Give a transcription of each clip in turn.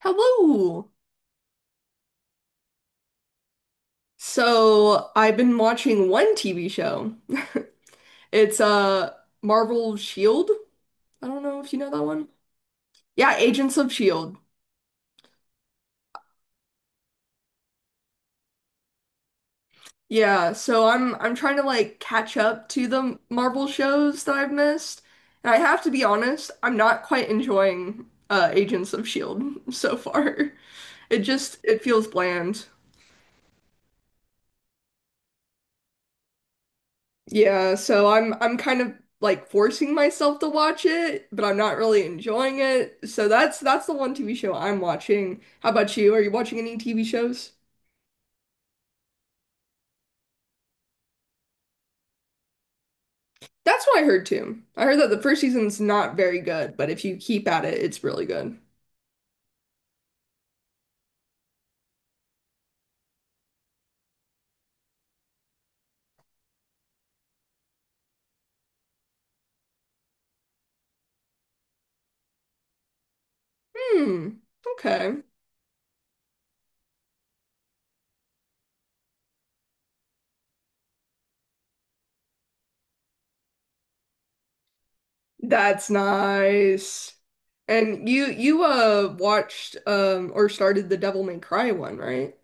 Hello. So I've been watching one TV show. It's Marvel Shield. I don't know if you know that one. Yeah, Agents of Shield. Yeah, so I'm trying to like catch up to the Marvel shows that I've missed. And I have to be honest, I'm not quite enjoying Agents of Shield so far. It just it feels bland. Yeah, so I'm kind of like forcing myself to watch it, but I'm not really enjoying it. So that's the one TV show I'm watching. How about you? Are you watching any TV shows? That's what I heard too. I heard that the first season's not very good, but if you keep at it, it's really good. Hmm. Okay. That's nice. And you watched or started the Devil May Cry one, right?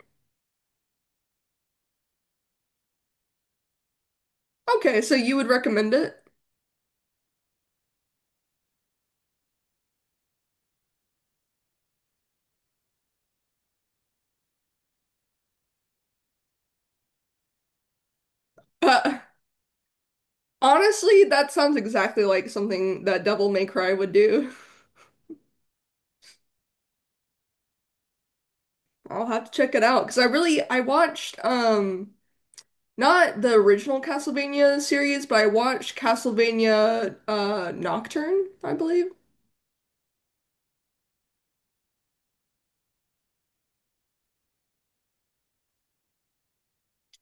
Okay, so you would recommend it? Honestly, that sounds exactly like something that Devil May Cry would do. I'll have to check it out because I watched not the original Castlevania series, but I watched Castlevania Nocturne, I believe.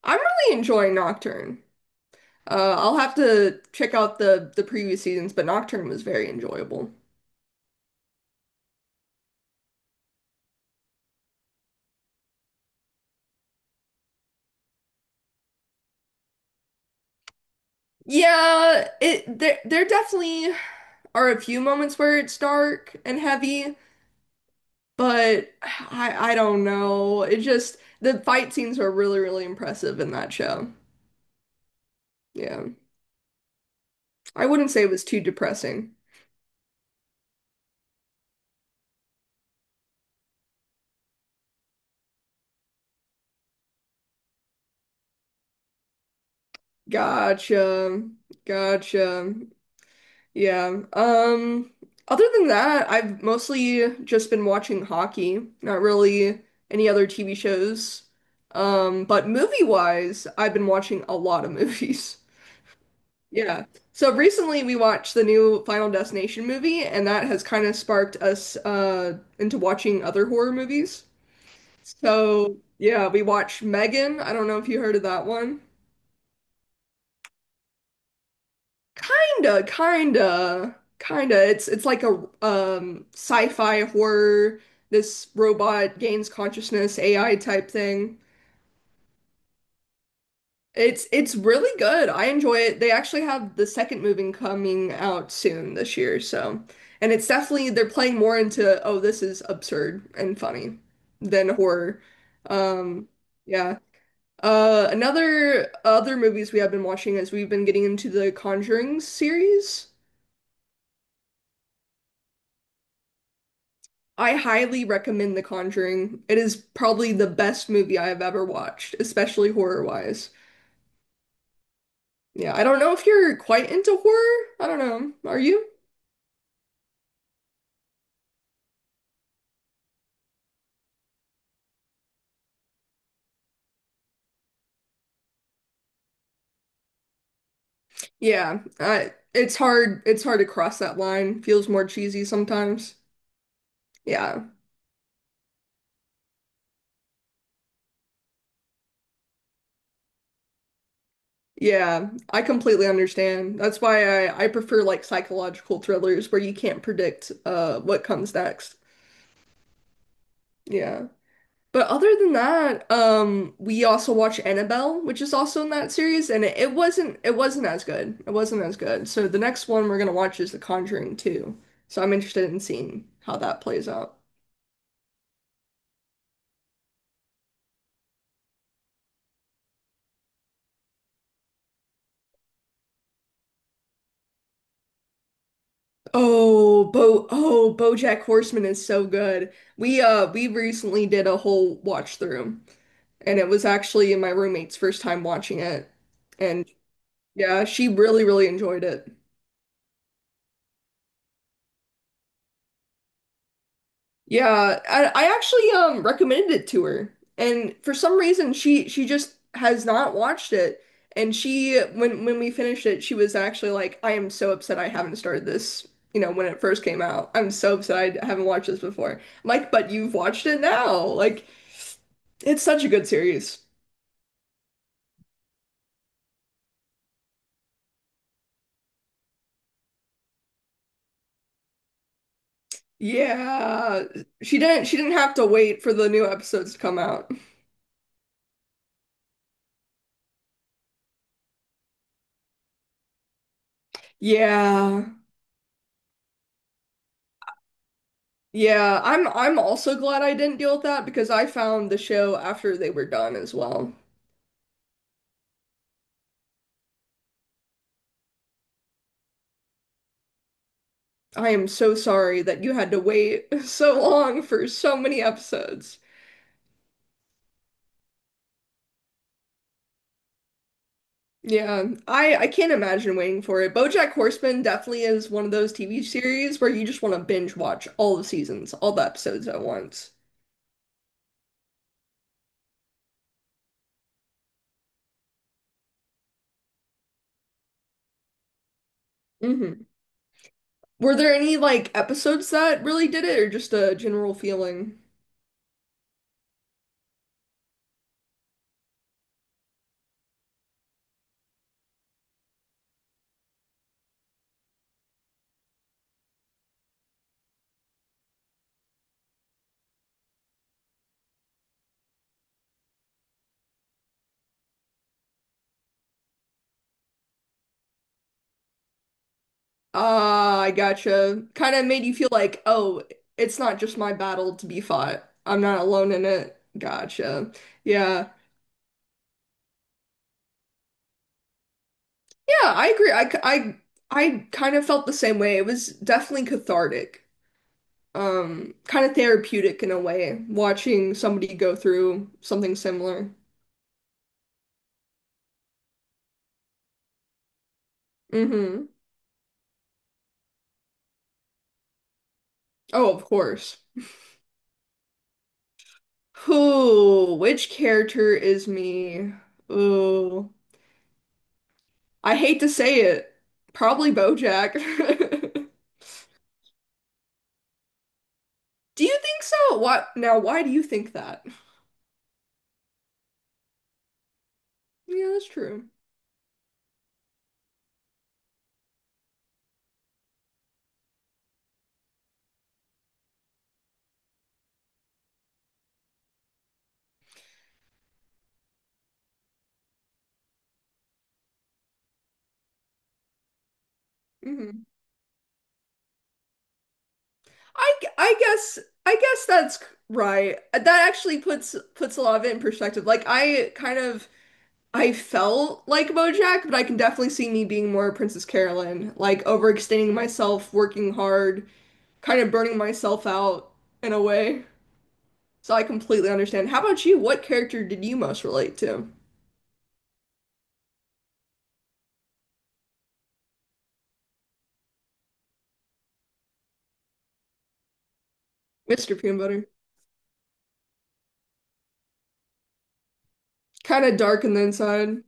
I'm really enjoying Nocturne. I'll have to check out the previous seasons, but Nocturne was very enjoyable. Yeah, it there there definitely are a few moments where it's dark and heavy, but I don't know. It just the fight scenes are really, really impressive in that show. Yeah. I wouldn't say it was too depressing. Gotcha. Gotcha. Yeah. Other than that, I've mostly just been watching hockey, not really any other TV shows. But movie-wise, I've been watching a lot of movies. Yeah. So recently we watched the new Final Destination movie, and that has kind of sparked us into watching other horror movies. So yeah, we watched Megan. I don't know if you heard of that one. Kinda, kinda, kinda. It's like a sci-fi horror. This robot gains consciousness, AI type thing. It's really good. I enjoy it. They actually have the second movie coming out soon this year, so and it's definitely they're playing more into oh this is absurd and funny than horror. Um yeah. Another other movies we have been watching is we've been getting into the Conjuring series. I highly recommend The Conjuring. It is probably the best movie I have ever watched, especially horror wise. Yeah, I don't know if you're quite into horror. I don't know. Are you? Yeah, it's hard. It's hard to cross that line. Feels more cheesy sometimes. Yeah, yeah, I completely understand. That's why I prefer like psychological thrillers where you can't predict what comes next. Yeah, but other than that, we also watch Annabelle, which is also in that series, and it wasn't as good. It wasn't as good. So the next one we're gonna watch is The Conjuring 2. So I'm interested in seeing how that plays out. Oh, Bo oh, BoJack Horseman is so good. We we recently did a whole watch through and it was actually my roommate's first time watching it. And yeah, she really really enjoyed it. Yeah, I actually recommended it to her. And for some reason she just has not watched it. And she when we finished it, she was actually like, "I am so upset I haven't started this, you know, when it first came out. I'm so upset I haven't watched this before." I'm like, but you've watched it now. Like it's such a good series. Yeah. She didn't have to wait for the new episodes to come out. Yeah. Yeah, I'm also glad I didn't deal with that because I found the show after they were done as well. I am so sorry that you had to wait so long for so many episodes. Yeah, I can't imagine waiting for it. BoJack Horseman definitely is one of those TV series where you just want to binge watch all the seasons, all the episodes at once. Mm-hmm. Were there any like episodes that really did it, or just a general feeling? Ah, I gotcha. Kind of made you feel like, oh, it's not just my battle to be fought. I'm not alone in it. Gotcha. Yeah. Yeah, I agree. I kind of felt the same way. It was definitely cathartic. Kind of therapeutic in a way, watching somebody go through something similar. Mm-hmm. Oh, of course. Who, which character is me? Ooh. I hate to say it, probably BoJack. Do you think so? What now? Why do you think that? Yeah, that's true. Hmm. I I guess I guess that's right. That actually puts a lot of it in perspective. Like I kind of I felt like BoJack, but I can definitely see me being more Princess Carolyn, like overextending myself, working hard, kind of burning myself out in a way. So I completely understand. How about you? What character did you most relate to? Mr. Peanut Butter. Kind of dark on the inside.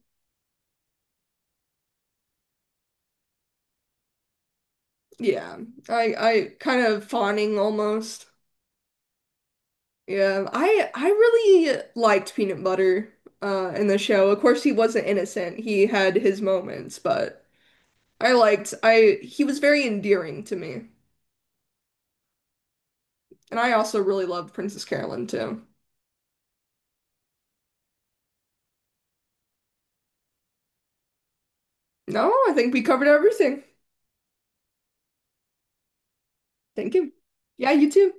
Yeah. I kind of fawning almost. Yeah. I really liked Peanut Butter in the show. Of course he wasn't innocent. He had his moments, but I liked I he was very endearing to me. And I also really loved Princess Carolyn too. No, I think we covered everything. Thank you. Yeah, you too.